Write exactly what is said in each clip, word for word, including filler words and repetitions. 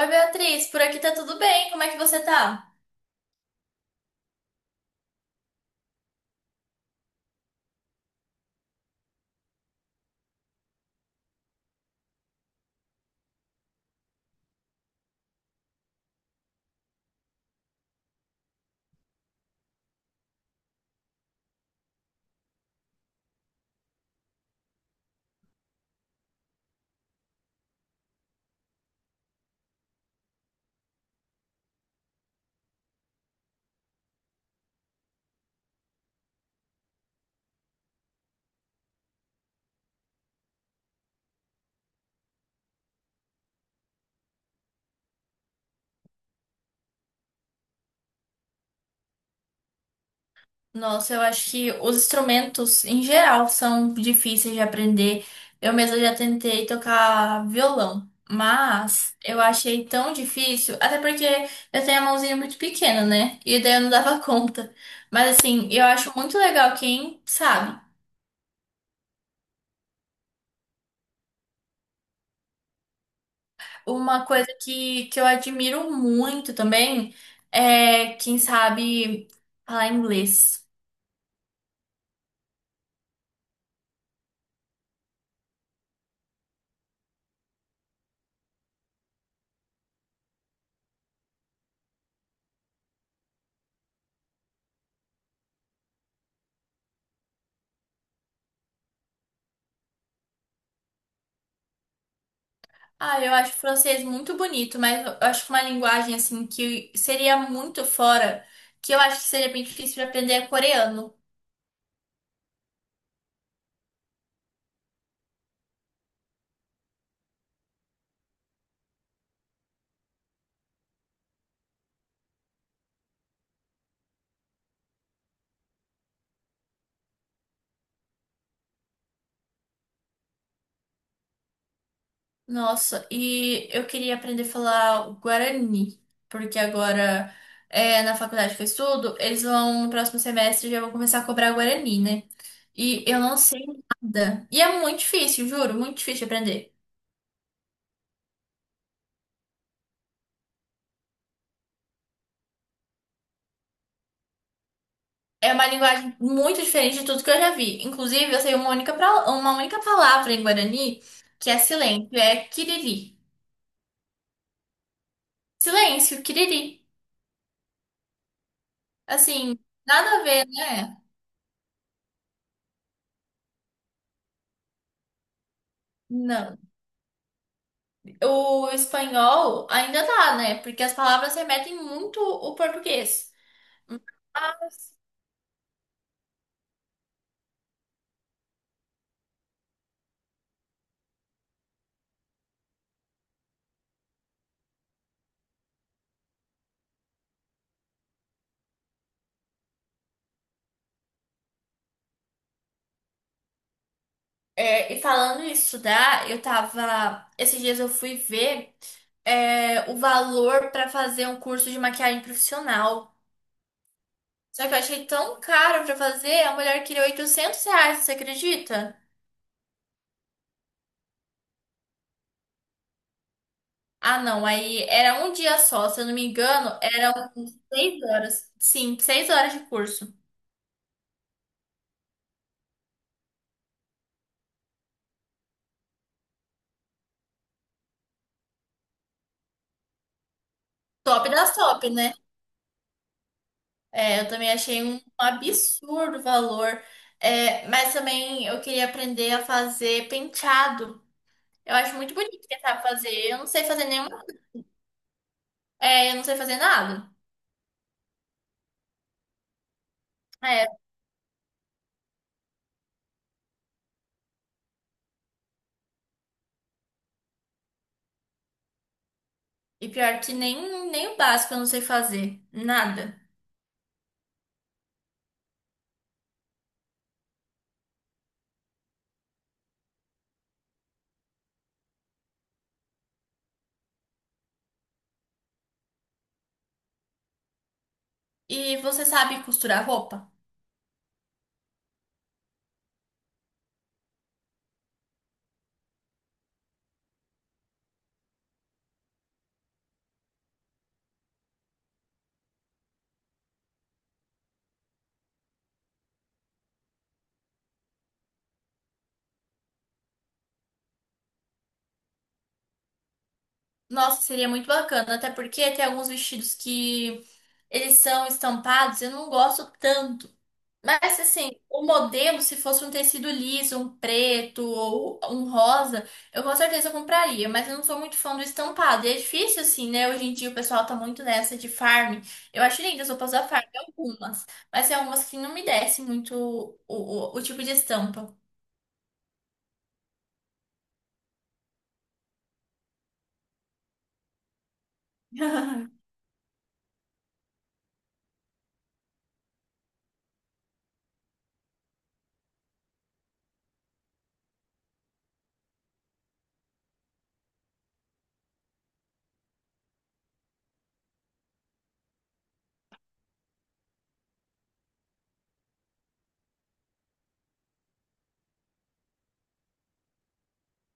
Oi, Beatriz, por aqui tá tudo bem? Como é que você tá? Nossa, eu acho que os instrumentos em geral são difíceis de aprender. Eu mesma já tentei tocar violão, mas eu achei tão difícil, até porque eu tenho a mãozinha muito pequena, né? E daí eu não dava conta. Mas assim, eu acho muito legal quem sabe. Uma coisa que, que eu admiro muito também é quem sabe falar inglês. Ah, eu acho o francês muito bonito, mas eu acho uma linguagem assim que seria muito fora, que eu acho que seria bem difícil de aprender é coreano. Nossa, e eu queria aprender a falar o guarani, porque agora é, na faculdade que eu estudo, eles vão no próximo semestre já vão começar a cobrar guarani, né? E eu não sei nada. E é muito difícil, juro, muito difícil de aprender. É uma linguagem muito diferente de tudo que eu já vi. Inclusive, eu sei uma única, pra- uma única palavra em Guarani que é silêncio, é kiriri. Silêncio, kiriri. Assim, nada a ver, né? Não. O espanhol ainda dá, né? Porque as palavras remetem muito o português. É, e falando em estudar, eu tava. Esses dias eu fui ver, é, o valor para fazer um curso de maquiagem profissional. Só que eu achei tão caro pra fazer, a mulher queria oitocentos reais, você acredita? Ah, não, aí era um dia só, se eu não me engano, eram seis horas. Sim, seis horas de curso. Top das top, né? É, eu também achei um absurdo o valor. É, mas também eu queria aprender a fazer penteado. Eu acho muito bonito quem sabe fazer. Eu não sei fazer nenhum. É, eu não sei fazer nada. É, e pior que nem, nem o básico eu não sei fazer. Nada. E você sabe costurar roupa? Nossa, seria muito bacana, até porque tem alguns vestidos que eles são estampados, eu não gosto tanto. Mas assim, o modelo, se fosse um tecido liso, um preto ou um rosa, eu com certeza compraria, mas eu não sou muito fã do estampado. E é difícil assim, né? Hoje em dia o pessoal tá muito nessa de farm. Eu acho lindas as roupas da farm, algumas, mas tem algumas que não me descem muito o, o o tipo de estampa.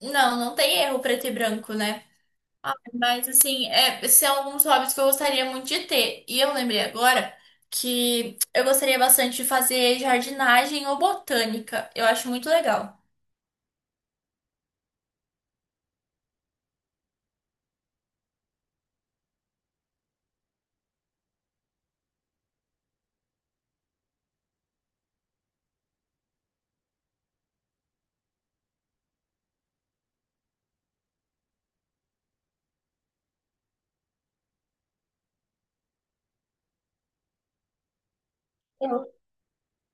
Não, não tem erro preto e branco, né? Mas assim, é, são alguns hobbies que eu gostaria muito de ter. E eu lembrei agora que eu gostaria bastante de fazer jardinagem ou botânica. Eu acho muito legal. Eu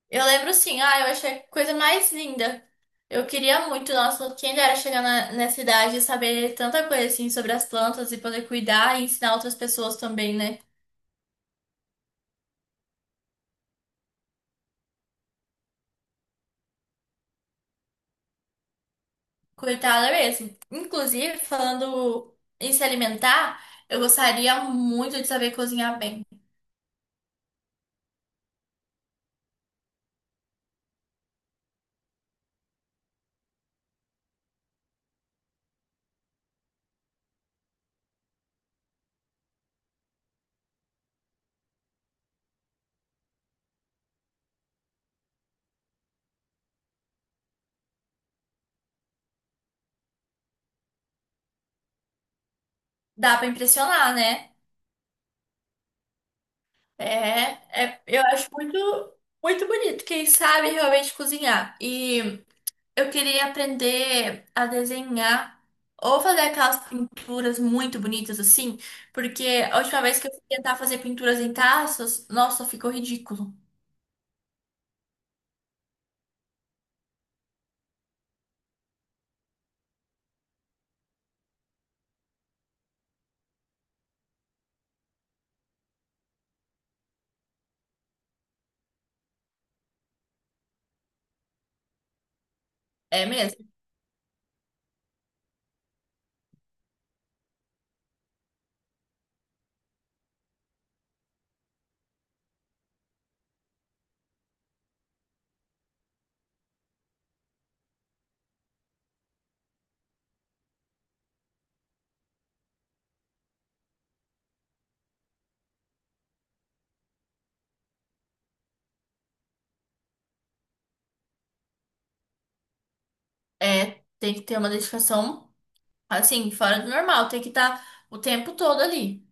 eu lembro sim, ah, eu achei a coisa mais linda. Eu queria muito, nossa, quem dera chegar na, nessa idade e saber tanta coisa assim sobre as plantas e poder cuidar e ensinar outras pessoas também, né? Coitada mesmo. Inclusive, falando em se alimentar, eu gostaria muito de saber cozinhar bem. Dá pra impressionar, né? É, é, eu acho muito, muito bonito quem sabe realmente cozinhar. E eu queria aprender a desenhar ou fazer aquelas pinturas muito bonitas assim, porque a última vez que eu fui tentar fazer pinturas em taças, nossa, ficou ridículo. É mesmo. É, tem que ter uma dedicação assim, fora do normal, tem que estar o tempo todo ali.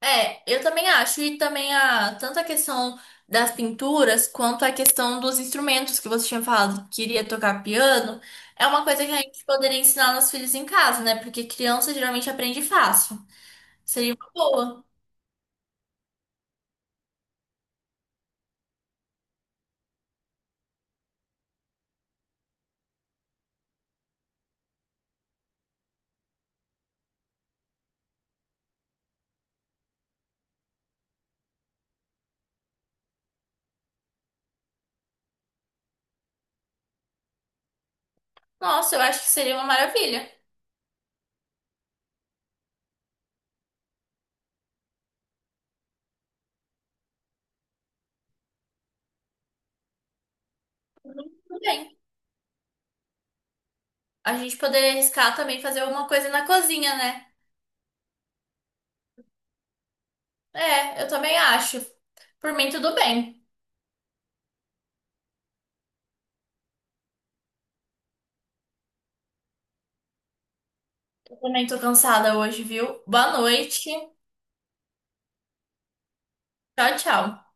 É, eu também acho, e também a tanto a questão das pinturas quanto a questão dos instrumentos que você tinha falado que queria tocar piano, é uma coisa que a gente poderia ensinar nossos filhos em casa, né? Porque criança geralmente aprende fácil. Seria uma boa. Nossa, eu acho que seria uma maravilha. Tudo bem. A gente poderia arriscar também fazer alguma coisa na cozinha, né? É, eu também acho. Por mim, tudo bem. Eu também tô cansada hoje, viu? Boa noite. Tchau, tchau.